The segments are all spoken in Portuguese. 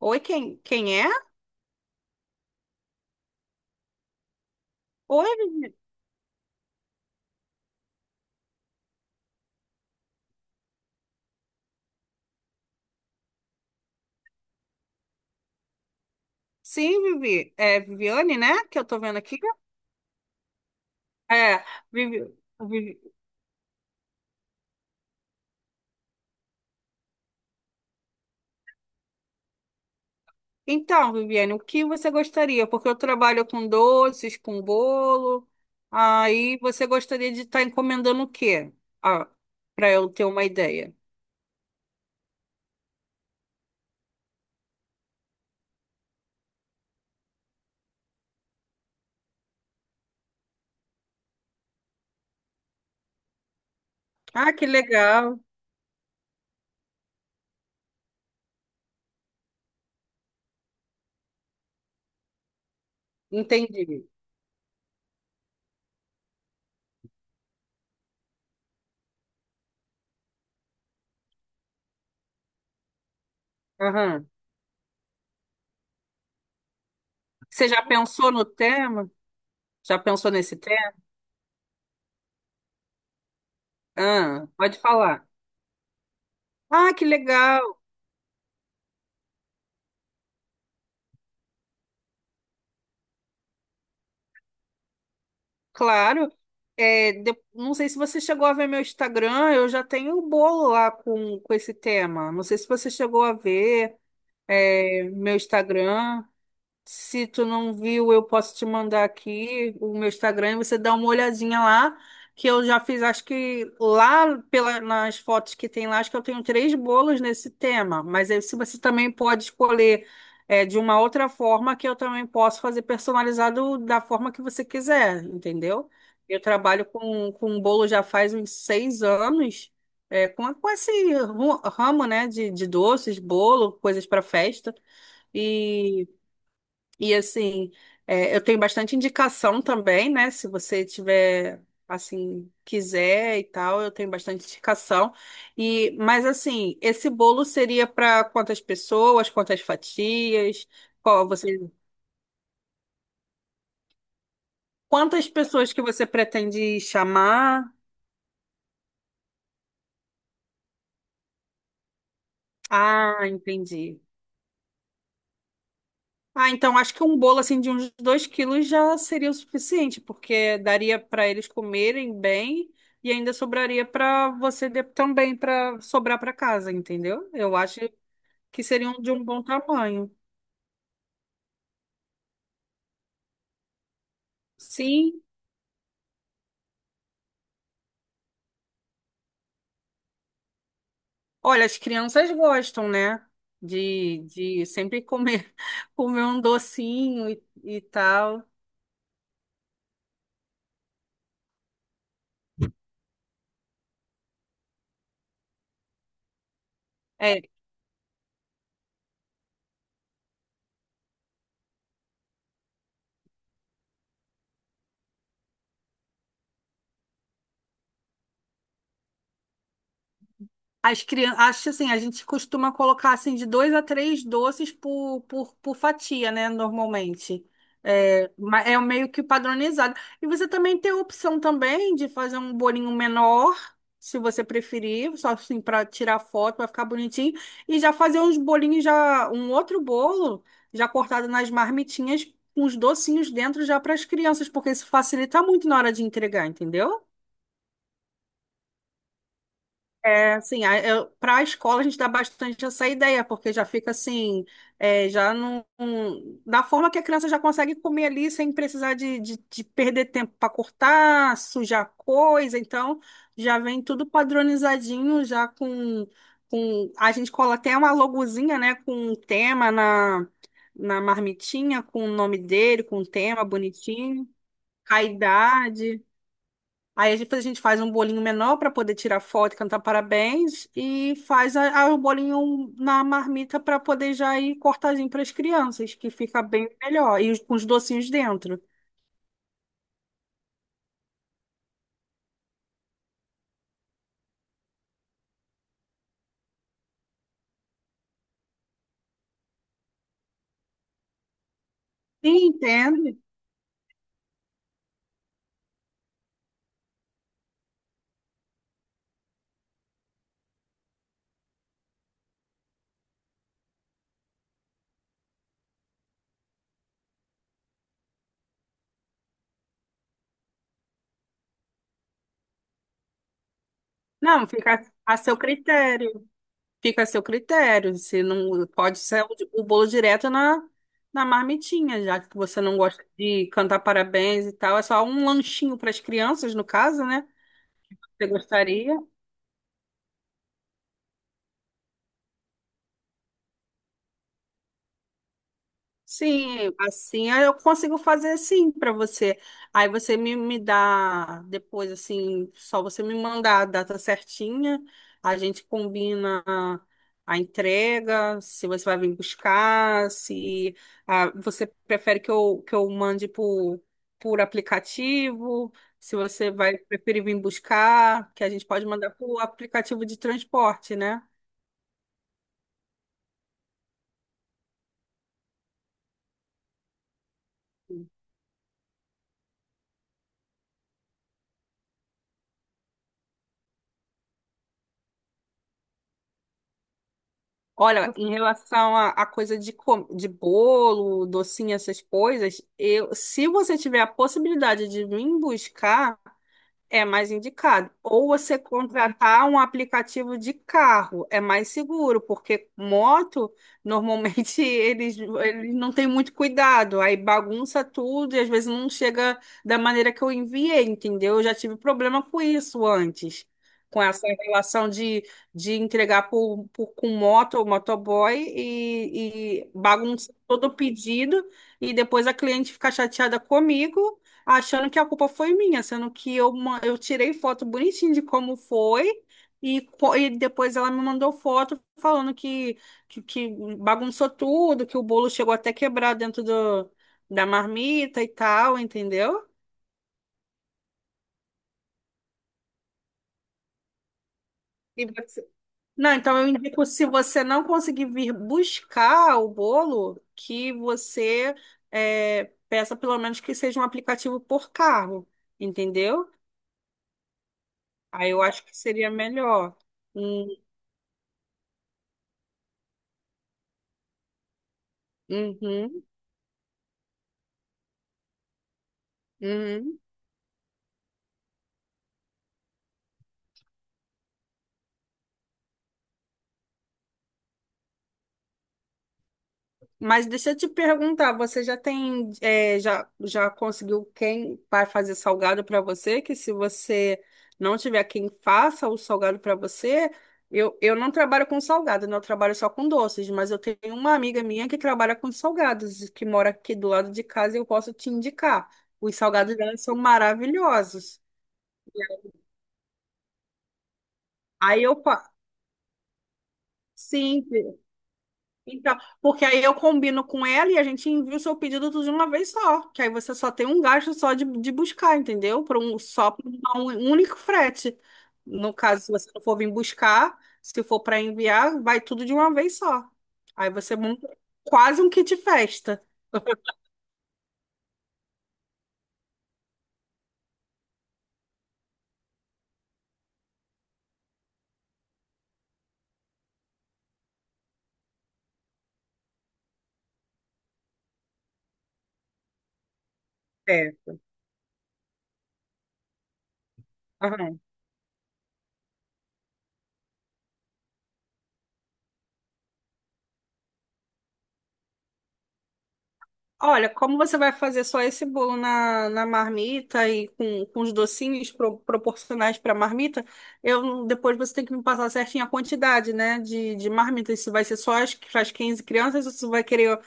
Oi, quem é? Oi, Vivi. Sim, Vivi. É Viviane, né? Que eu tô vendo aqui. É, Vivi. Vivi- Então, Viviane, o que você gostaria? Porque eu trabalho com doces, com bolo. Aí você gostaria de estar encomendando o quê? Ah, Para eu ter uma ideia. Ah, que legal. Entendi. Aham. Você já pensou no tema? Já pensou nesse tema? Ah, pode falar. Ah, que legal. Claro. É, não sei se você chegou a ver meu Instagram, eu já tenho o bolo lá com esse tema. Não sei se você chegou a ver, é, meu Instagram. Se tu não viu, eu posso te mandar aqui o meu Instagram e você dá uma olhadinha lá, que eu já fiz, acho que lá pela, nas fotos que tem lá, acho que eu tenho três bolos nesse tema. Mas aí, se você também pode escolher de uma outra forma, que eu também posso fazer personalizado da forma que você quiser, entendeu? Eu trabalho com um bolo já faz uns 6 anos, é, com esse ramo, né, de doces, bolo, coisas para festa. e assim, é, eu tenho bastante indicação também, né? Se você tiver, assim, quiser e tal, eu tenho bastante indicação. E, mas assim, esse bolo seria para quantas pessoas, quantas fatias? Qual você, quantas pessoas que você pretende chamar? Ah, entendi. Ah, então acho que um bolo assim de uns 2 quilos já seria o suficiente, porque daria para eles comerem bem e ainda sobraria para você também para sobrar para casa, entendeu? Eu acho que seriam de um bom tamanho. Sim, olha, as crianças gostam, né? De sempre comer, comer um docinho e tal. É, as crianças, acho assim, a gente costuma colocar assim de dois a três doces por fatia, né? Normalmente. É, é meio que padronizado. E você também tem a opção também de fazer um bolinho menor, se você preferir, só assim para tirar foto, vai ficar bonitinho. E já fazer uns bolinhos, já um outro bolo, já cortado nas marmitinhas, com os docinhos dentro já para as crianças, porque isso facilita muito na hora de entregar, entendeu? É, assim, para a escola a gente dá bastante essa ideia, porque já fica assim, é, já não, não- da forma que a criança já consegue comer ali sem precisar de perder tempo para cortar, sujar coisa, então já vem tudo padronizadinho, já com a gente cola até uma logozinha, né, com um tema na, na marmitinha, com o nome dele, com o tema bonitinho, a idade. Aí a gente faz um bolinho menor para poder tirar foto e cantar parabéns e faz o bolinho na marmita para poder já ir cortadinho para as crianças, que fica bem melhor. E com os docinhos dentro. Sim, entende? Não, fica a seu critério. Fica a seu critério. Se não pode ser o bolo direto na, na marmitinha, já que você não gosta de cantar parabéns e tal. É só um lanchinho para as crianças, no caso, né? Você gostaria? Sim, assim aí eu consigo fazer assim para você. Aí você me dá depois, assim, só você me mandar a data certinha, a gente combina a entrega, se você vai vir buscar, se você prefere que eu mande por aplicativo, se você vai preferir vir buscar, que a gente pode mandar por aplicativo de transporte, né? Olha, em relação à a coisa de bolo, docinho, essas coisas, eu, se você tiver a possibilidade de vir buscar. É mais indicado. Ou você contratar um aplicativo de carro, é mais seguro, porque moto, normalmente eles não têm muito cuidado, aí bagunça tudo e às vezes não chega da maneira que eu enviei, entendeu? Eu já tive problema com isso antes, com essa relação de entregar com moto ou motoboy e bagunça todo o pedido e depois a cliente fica chateada comigo achando que a culpa foi minha, sendo que eu, eu tirei foto bonitinho de como foi. E, e depois ela me mandou foto falando que bagunçou tudo, que o bolo chegou até quebrar dentro da marmita e tal, entendeu? E você- Não, então eu indico, se você não conseguir vir buscar o bolo, que você é, peça pelo menos que seja um aplicativo por carro, entendeu? Aí eu acho que seria melhor. Hum, uhum. Uhum. Mas deixa eu te perguntar, você já tem, é, já, já conseguiu quem vai fazer salgado para você? Que se você não tiver quem faça o salgado para você, eu não trabalho com salgado, né? Eu trabalho só com doces, mas eu tenho uma amiga minha que trabalha com salgados, que mora aqui do lado de casa e eu posso te indicar. Os salgados dela são maravilhosos. Aí eu, pa- sim, Então, porque aí eu combino com ela e a gente envia o seu pedido tudo de uma vez só. Que aí você só tem um gasto só de buscar, entendeu? Só por um único frete. No caso, se você não for vir buscar, se for para enviar, vai tudo de uma vez só. Aí você monta quase um kit festa. É. Olha, como você vai fazer só esse bolo na, na marmita e com os docinhos proporcionais para a marmita, eu, depois você tem que me passar certinho a quantidade, né, de marmitas. Se vai ser só as, para as 15 crianças ou se vai querer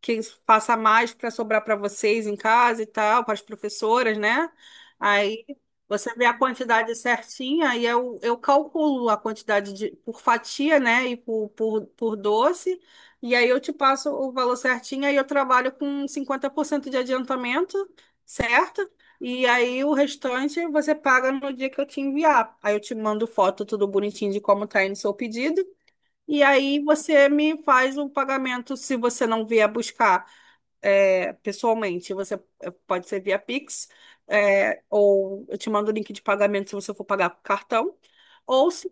que passa mais para sobrar para vocês em casa e tal, para as professoras, né? Aí você vê a quantidade certinha, eu calculo a quantidade de, por fatia, né? E por doce, e aí eu te passo o valor certinho, aí eu trabalho com 50% de adiantamento, certo? E aí o restante você paga no dia que eu te enviar. Aí eu te mando foto tudo bonitinho de como tá indo o seu pedido. E aí você me faz o pagamento se você não vier buscar é, pessoalmente. Você é, pode ser via Pix, é, ou eu te mando o link de pagamento se você for pagar com cartão. Ou se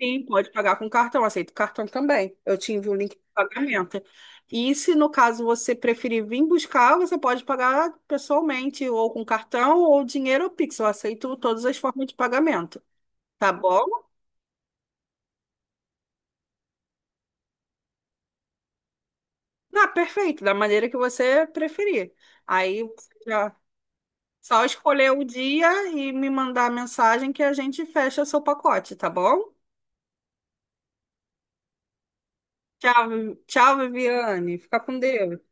sim, pode pagar com cartão, aceito cartão também. Eu te envio o link de pagamento. E se no caso você preferir vir buscar, você pode pagar pessoalmente, ou com cartão, ou dinheiro ou Pix. Eu aceito todas as formas de pagamento, tá bom? Ah, perfeito, da maneira que você preferir. Aí você já só escolher o dia e me mandar a mensagem que a gente fecha seu pacote, tá bom? Tchau, tchau, Viviane. Fica com Deus.